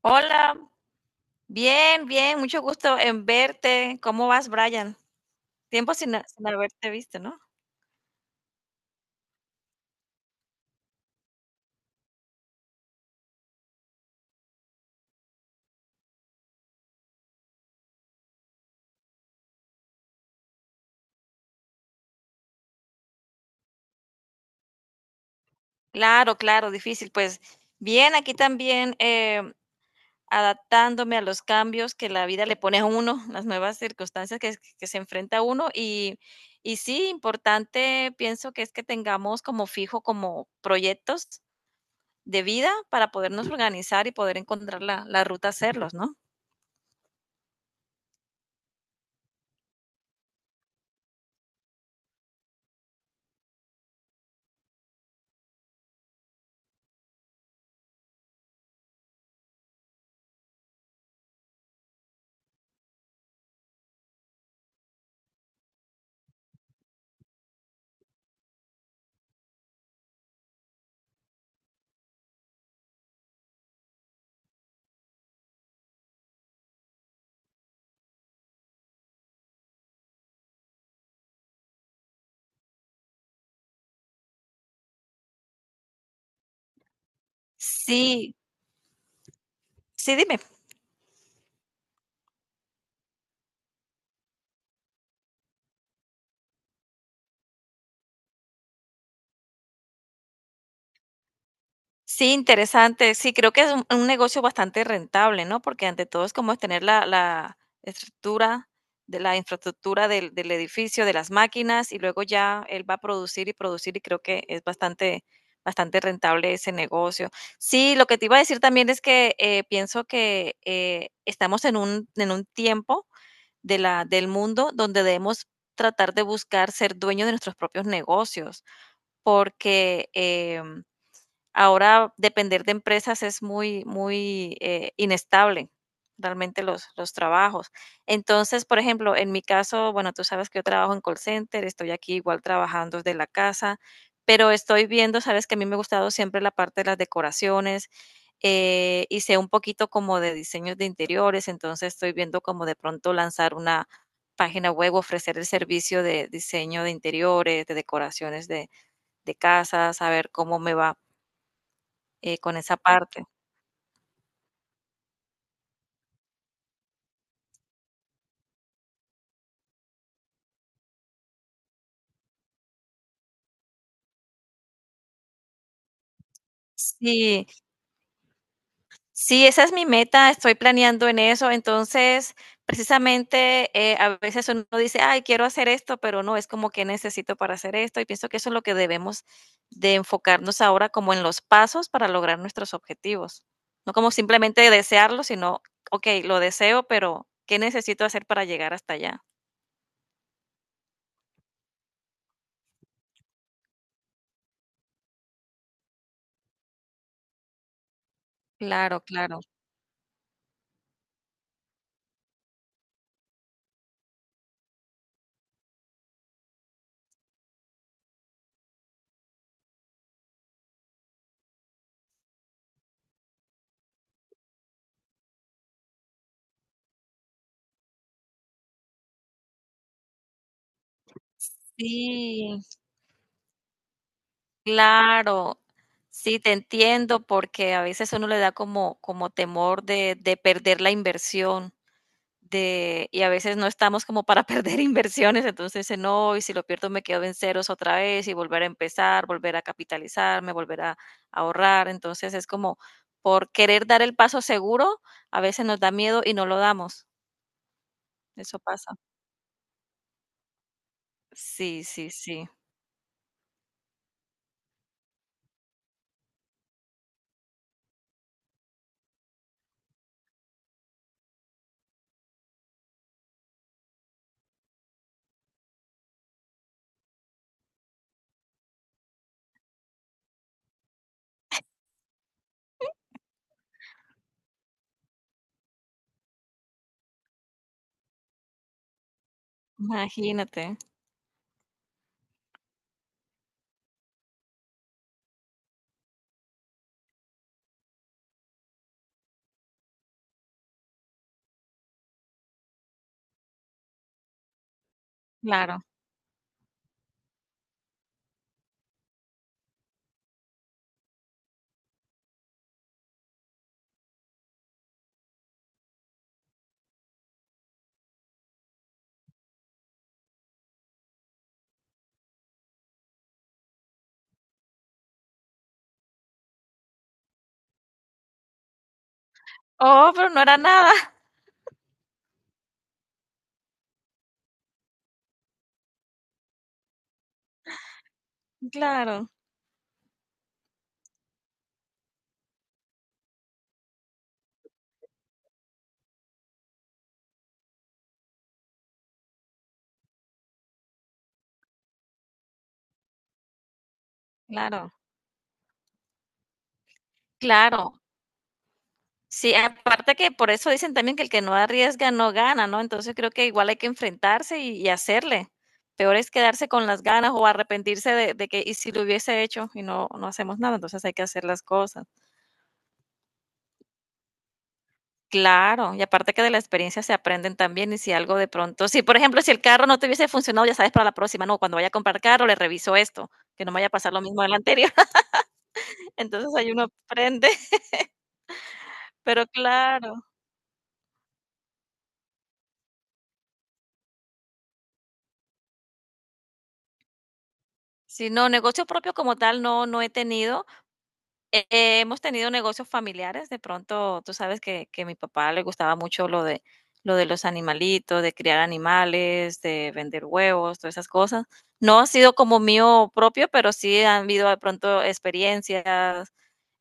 Hola, bien, bien, mucho gusto en verte. ¿Cómo vas, Brian? Tiempo sin haberte visto, ¿no? Claro, claro, difícil. Pues bien, aquí también adaptándome a los cambios que la vida le pone a uno, las nuevas circunstancias que se enfrenta a uno y sí, importante pienso que es que tengamos como fijo, como proyectos de vida para podernos organizar y poder encontrar la ruta a hacerlos, ¿no? Sí. Sí, dime. Sí, interesante. Sí, creo que es un negocio bastante rentable, ¿no? Porque ante todo es como es tener la estructura de la infraestructura del edificio, de las máquinas, y luego ya él va a producir y producir, y creo que es bastante, bastante rentable ese negocio. Sí, lo que te iba a decir también es que pienso que estamos en en un tiempo de del mundo donde debemos tratar de buscar ser dueños de nuestros propios negocios, porque ahora depender de empresas es muy, muy inestable, realmente los trabajos. Entonces, por ejemplo, en mi caso, bueno, tú sabes que yo trabajo en call center, estoy aquí igual trabajando desde la casa, pero estoy viendo, sabes que a mí me ha gustado siempre la parte de las decoraciones y sé un poquito como de diseños de interiores, entonces estoy viendo como de pronto lanzar una página web, ofrecer el servicio de diseño de interiores, de decoraciones de casas a ver cómo me va. Con esa parte. Sí, sí, esa es mi meta, estoy planeando en eso. Entonces, precisamente, a veces uno dice: "Ay, quiero hacer esto", pero no, es como: que necesito para hacer esto?". Y pienso que eso es lo que debemos de enfocarnos ahora como en los pasos para lograr nuestros objetivos. No como simplemente desearlo, sino: "Okey, lo deseo, pero ¿qué necesito hacer para llegar hasta allá?". Claro, claro. Sí. Claro, sí, te entiendo, porque a veces uno le da como, como temor de perder la inversión, de, y a veces no estamos como para perder inversiones, entonces dice, no, y si lo pierdo me quedo en ceros otra vez y volver a empezar, volver a capitalizarme, volver a ahorrar, entonces es como por querer dar el paso seguro, a veces nos da miedo y no lo damos, eso pasa. Sí, sí, sí, imagínate, claro. Oh, pero no era nada, claro, claro. Claro, sí, aparte que por eso dicen también que el que no arriesga no gana, ¿no? Entonces creo que igual hay que enfrentarse y hacerle. Peor es quedarse con las ganas o arrepentirse de que, y si lo hubiese hecho y no, no hacemos nada, entonces hay que hacer las cosas. Claro, y aparte que de la experiencia se aprenden también y si algo de pronto, si por ejemplo, si el carro no te hubiese funcionado, ya sabes para la próxima, no, cuando vaya a comprar carro le reviso esto, que no me vaya a pasar lo mismo del anterior. Entonces ahí uno aprende, pero claro. Si no, negocio propio como tal no, no he tenido. Hemos tenido negocios familiares, de pronto tú sabes que a mi papá le gustaba mucho lo lo de los animalitos, de criar animales, de vender huevos, todas esas cosas. No ha sido como mío propio, pero sí han habido de pronto experiencias,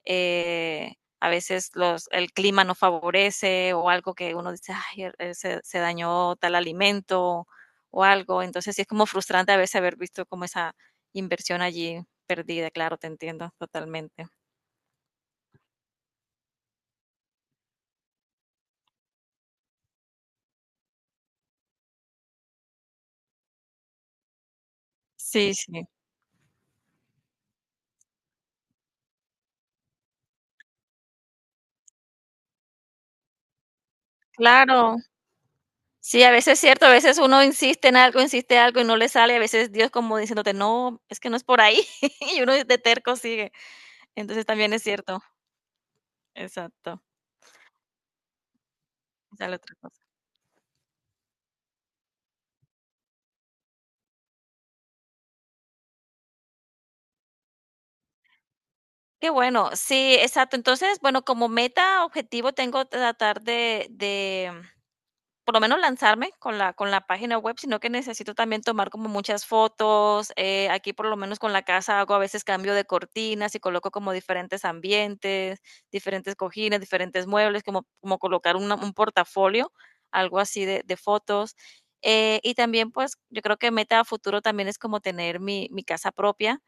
eh, a veces los, el clima no favorece o algo que uno dice, ay, se, se dañó tal alimento o algo. Entonces sí es como frustrante a veces haber visto como esa inversión allí perdida, claro, te entiendo totalmente. Sí, sí, claro. Sí, a veces es cierto, a veces uno insiste en algo y no le sale, a veces Dios como diciéndote: "No, es que no es por ahí", y uno de terco sigue. Entonces, también es cierto. Exacto, esa la otra cosa. Qué bueno, sí, exacto. Entonces, bueno, como meta, objetivo tengo tratar de por lo menos lanzarme con la página web, sino que necesito también tomar como muchas fotos. Aquí, por lo menos con la casa, hago a veces cambio de cortinas y coloco como diferentes ambientes, diferentes cojines, diferentes muebles, como, como colocar un portafolio, algo así de fotos. Y también, pues, yo creo que meta a futuro también es como tener mi casa propia,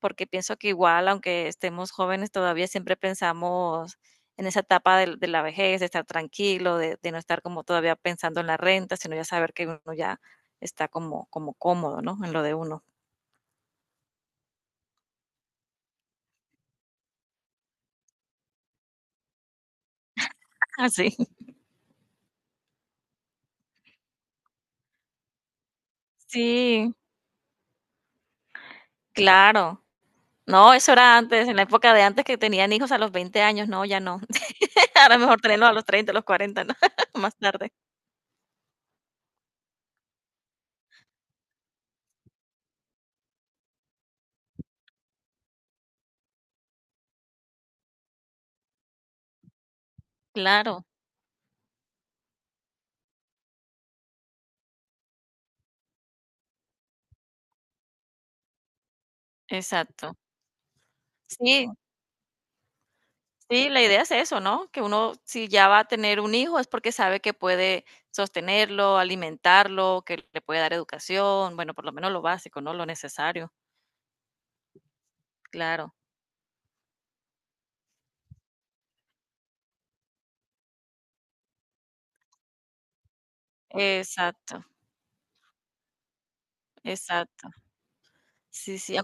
porque pienso que igual, aunque estemos jóvenes, todavía siempre pensamos en esa etapa de la vejez, de estar tranquilo, de, no estar como todavía pensando en la renta, sino ya saber que uno ya está como, como cómodo, ¿no? En lo de uno. Así. Sí, sí, claro. No, eso era antes, en la época de antes que tenían hijos a los 20 años, no, ya no. Ahora mejor tenerlos a los 30 a los 40, ¿no? Más tarde. Claro, exacto. Sí. Sí, la idea es eso, ¿no? Que uno, si ya va a tener un hijo, es porque sabe que puede sostenerlo, alimentarlo, que le puede dar educación, bueno, por lo menos lo básico, ¿no? Lo necesario, claro. Exacto, exacto. Sí, sí.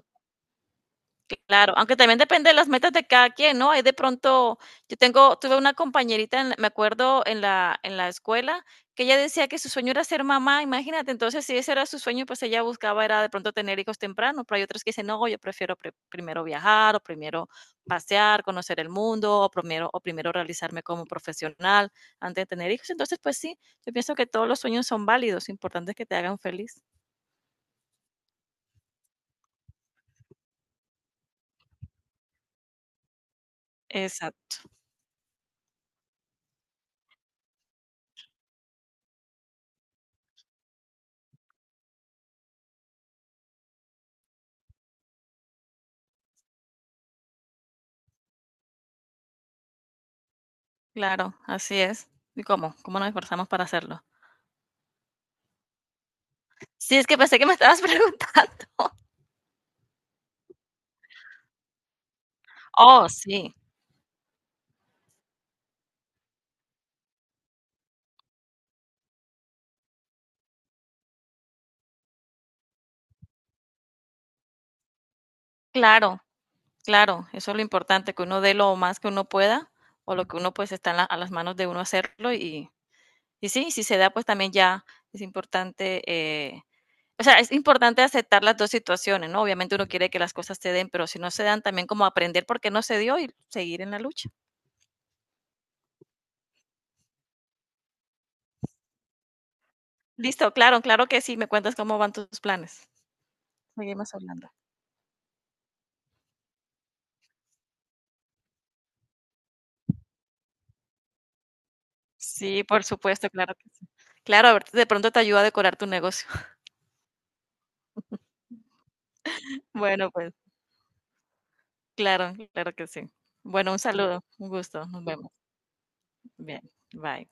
Claro, aunque también depende de las metas de cada quien, ¿no? Hay de pronto, yo tengo, tuve una compañerita, me acuerdo en en la escuela, que ella decía que su sueño era ser mamá, imagínate, entonces si ese era su sueño, pues ella buscaba era de pronto tener hijos temprano, pero hay otras que dicen, no, yo prefiero primero viajar, o primero pasear, conocer el mundo, o primero realizarme como profesional antes de tener hijos. Entonces, pues sí, yo pienso que todos los sueños son válidos, importante es que te hagan feliz. Exacto, claro, así es. ¿Y cómo? ¿Cómo nos esforzamos para hacerlo? Sí, es que pensé que me estabas preguntando. Oh, sí, claro, claro, eso es lo importante, que uno dé lo más que uno pueda o lo que uno pues está a las manos de uno hacerlo y sí, si se da pues también ya es importante, o sea, es importante aceptar las dos situaciones, ¿no? Obviamente uno quiere que las cosas se den, pero si no se dan también como aprender por qué no se dio y seguir en la lucha. Listo, claro, claro que sí, me cuentas cómo van tus planes. Seguimos hablando. Sí, por supuesto, claro que sí. Claro, a ver, de pronto te ayuda a decorar tu negocio. Bueno, pues, claro, claro que sí. Bueno, un saludo, un gusto, nos vemos. Bien, bye.